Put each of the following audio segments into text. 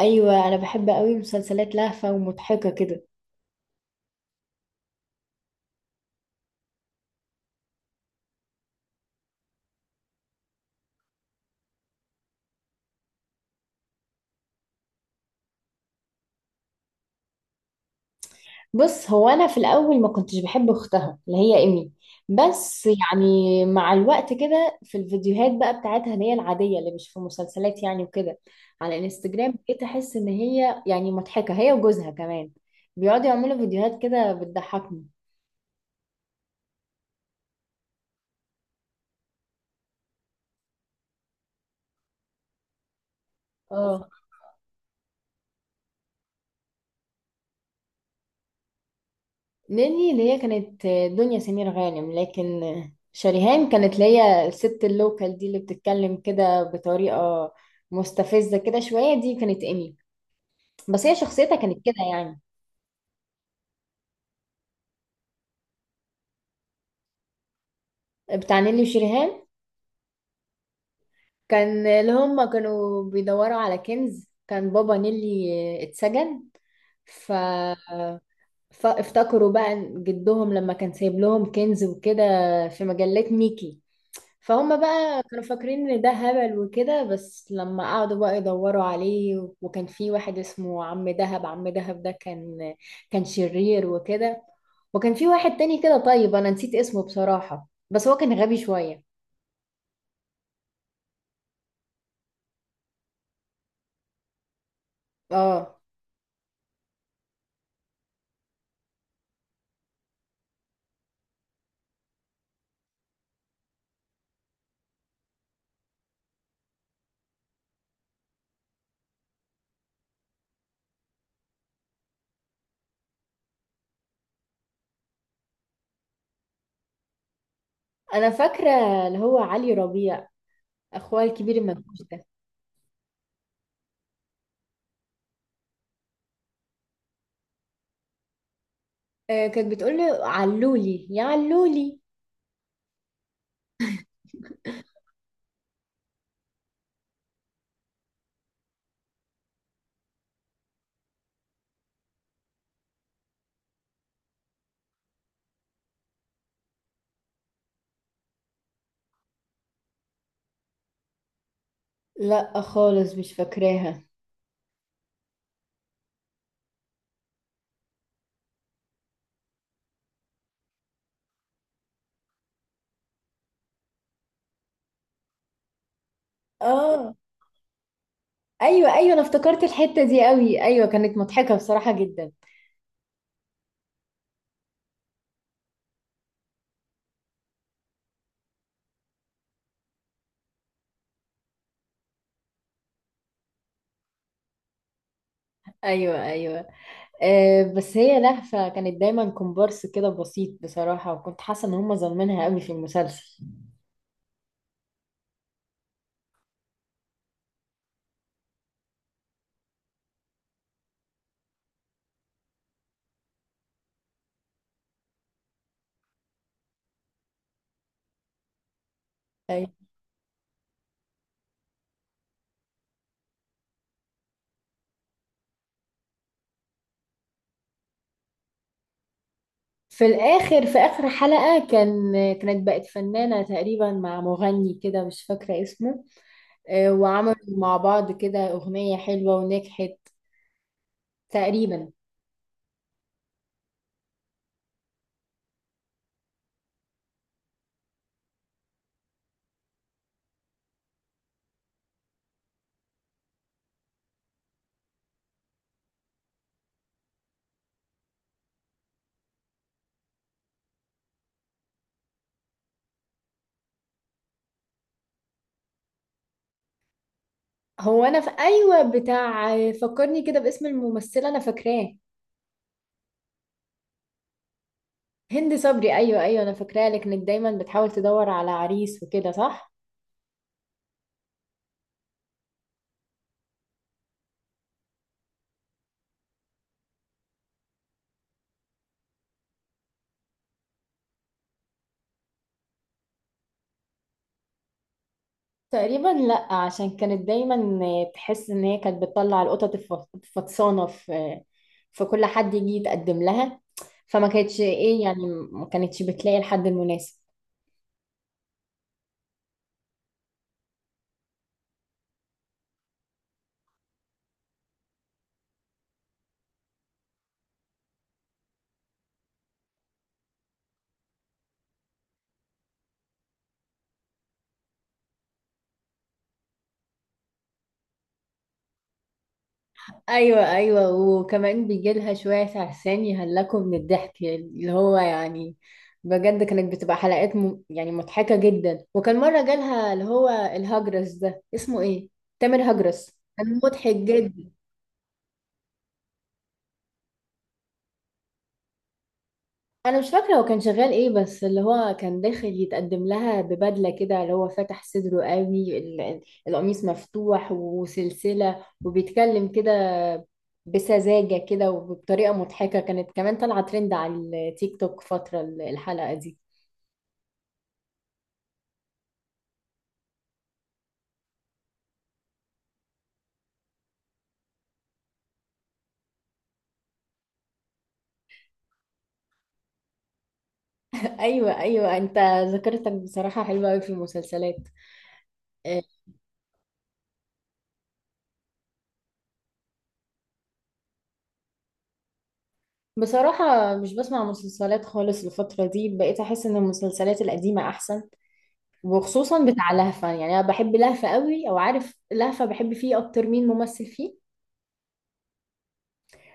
ايوه، انا بحب قوي مسلسلات لهفه ومضحكه كده. بص، هو انا في الاول ما كنتش بحب اختها اللي هي ايمي، بس يعني مع الوقت كده في الفيديوهات بقى بتاعتها اللي هي العاديه اللي مش في مسلسلات يعني وكده، على انستجرام بقيت احس ان هي يعني مضحكه، هي وجوزها كمان بيقعدوا يعملوا فيديوهات كده بتضحكني. اه، ناني اللي هي كانت دنيا سمير غانم، لكن شريهان كانت اللي هي الست اللوكال دي اللي بتتكلم كده بطريقة مستفزة كده شوية، دي كانت إيمي، بس هي شخصيتها كانت كده يعني. بتاع نيلي وشريهان، كان اللي هما كانوا بيدوروا على كنز، كان بابا نيلي اتسجن ف... فافتكروا بقى جدهم لما كان سايب لهم كنز وكده في مجلة ميكي، فهم بقى كانوا فاكرين ان ده هبل وكده، بس لما قعدوا بقى يدوروا عليه وكان في واحد اسمه عم دهب. عم دهب ده كان شرير وكده، وكان في واحد تاني كده، طيب انا نسيت اسمه بصراحة، بس هو كان غبي شوية. اه، انا فاكرة اللي هو علي ربيع، اخويا الكبير المنكوش ده. كانت بتقول له علولي يا علولي. لا خالص مش فاكراها. اه ايوه ايوه، انا افتكرت الحتة دي قوي، ايوه كانت مضحكة بصراحة جدا. ايوه ايوه، أه بس هي لهفة كانت دايما كومبارس كده بسيط بصراحة، وكنت حاسة ان هم ظالمينها قوي في المسلسل. أيوة. في الاخر، في اخر حلقة كانت بقت فنانة تقريبا مع مغني كده مش فاكرة اسمه، أه وعملوا مع بعض كده اغنية حلوة ونجحت تقريبا. هو انا في ايوه بتاع، فكرني كده باسم الممثلة انا فاكراه. هند صبري، ايوه ايوه، انا فاكراه لكنك دايما بتحاول تدور على عريس وكده، صح؟ تقريبا لا، عشان كانت دايما تحس ان هي كانت بتطلع القطط الفطسانه في كل حد يجي يتقدم لها، فما كانتش ايه يعني، ما كانتش بتلاقي الحد المناسب. ايوه ايوه، وكمان بيجي لها شويه عرسان يهلكوا من الضحك، اللي هو يعني بجد كانت بتبقى حلقات يعني مضحكه جدا. وكان مره جالها اللي هو الهجرس ده، اسمه ايه؟ تامر هجرس. كان مضحك جدا. انا مش فاكره هو كان شغال ايه، بس اللي هو كان داخل يتقدم لها ببدله كده اللي هو فاتح صدره قوي، القميص مفتوح وسلسله، وبيتكلم كده بسذاجه كده وبطريقه مضحكه. كانت كمان طالعه ترند على التيك توك فتره الحلقه دي. ايوه ايوه، انت ذاكرتك بصراحه حلوه قوي في المسلسلات. آه، بصراحه مش بسمع مسلسلات خالص الفتره دي، بقيت احس ان المسلسلات القديمه احسن، وخصوصا بتاع لهفة. يعني انا بحب لهفة قوي. او عارف لهفة بحب فيه اكتر مين ممثل فيه؟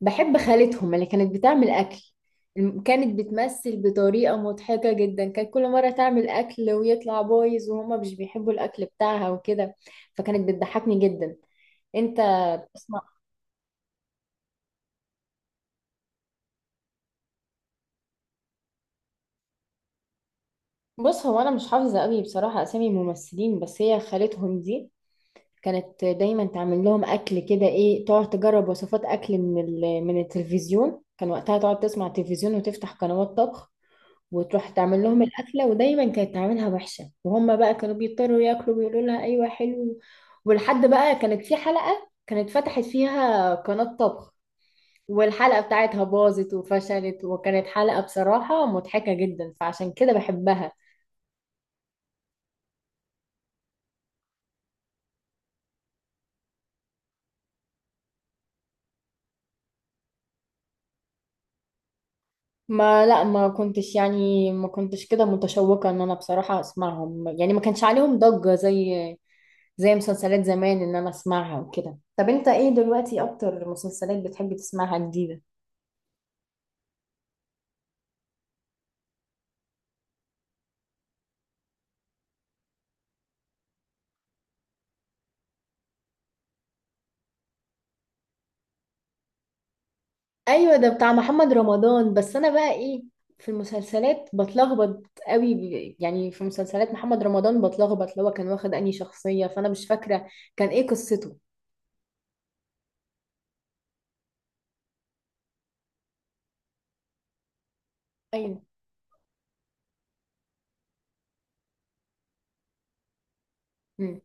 بحب خالتهم اللي كانت بتعمل اكل، كانت بتمثل بطريقة مضحكة جدا. كانت كل مرة تعمل اكل ويطلع بايظ وهما مش بيحبوا الاكل بتاعها وكده، فكانت بتضحكني جدا. انت اسمع، بص هو انا مش حافظة قوي بصراحة اسامي الممثلين، بس هي خالتهم دي كانت دايما تعمل لهم اكل كده، ايه تقعد تجرب وصفات اكل من التلفزيون، كان وقتها تقعد تسمع التلفزيون وتفتح قنوات طبخ وتروح تعمل لهم الاكله، ودايما كانت تعملها وحشه وهم بقى كانوا بيضطروا ياكلوا ويقولوا لها ايوه حلو. ولحد بقى كانت في حلقه كانت فتحت فيها قناه طبخ، والحلقه بتاعتها باظت وفشلت، وكانت حلقه بصراحه مضحكه جدا، فعشان كده بحبها. ما لا، ما كنتش كده متشوقة ان انا بصراحة اسمعهم، يعني ما كانش عليهم ضجة زي مسلسلات زمان ان انا اسمعها وكده. طب انت ايه دلوقتي اكتر مسلسلات بتحب تسمعها جديدة؟ ايوه ده بتاع محمد رمضان. بس انا بقى ايه في المسلسلات بتلخبط قوي، يعني في مسلسلات محمد رمضان بتلخبط اللي هو كان واخد انهي شخصية، فانا مش فاكرة كان ايه قصته. ايوه. مم.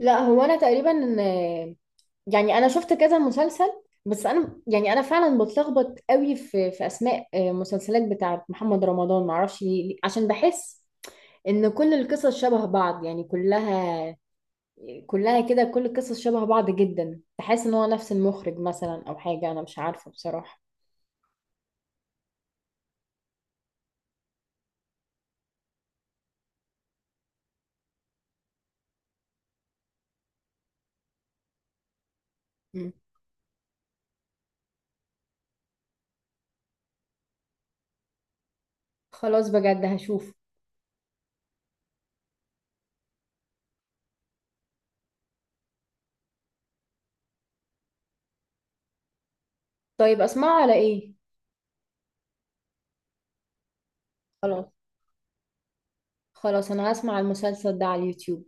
لا هو انا تقريبا يعني انا شفت كذا مسلسل، بس انا يعني انا فعلا بتلخبط قوي في اسماء مسلسلات بتاعه محمد رمضان، معرفش ليه، عشان بحس ان كل القصص شبه بعض، يعني كلها كده كل القصص شبه بعض جدا، تحس ان هو نفس المخرج مثلا او حاجه، انا مش عارفه بصراحه. مم. خلاص بجد هشوف. طيب اسمعه على ايه؟ خلاص خلاص، انا هسمع المسلسل ده على اليوتيوب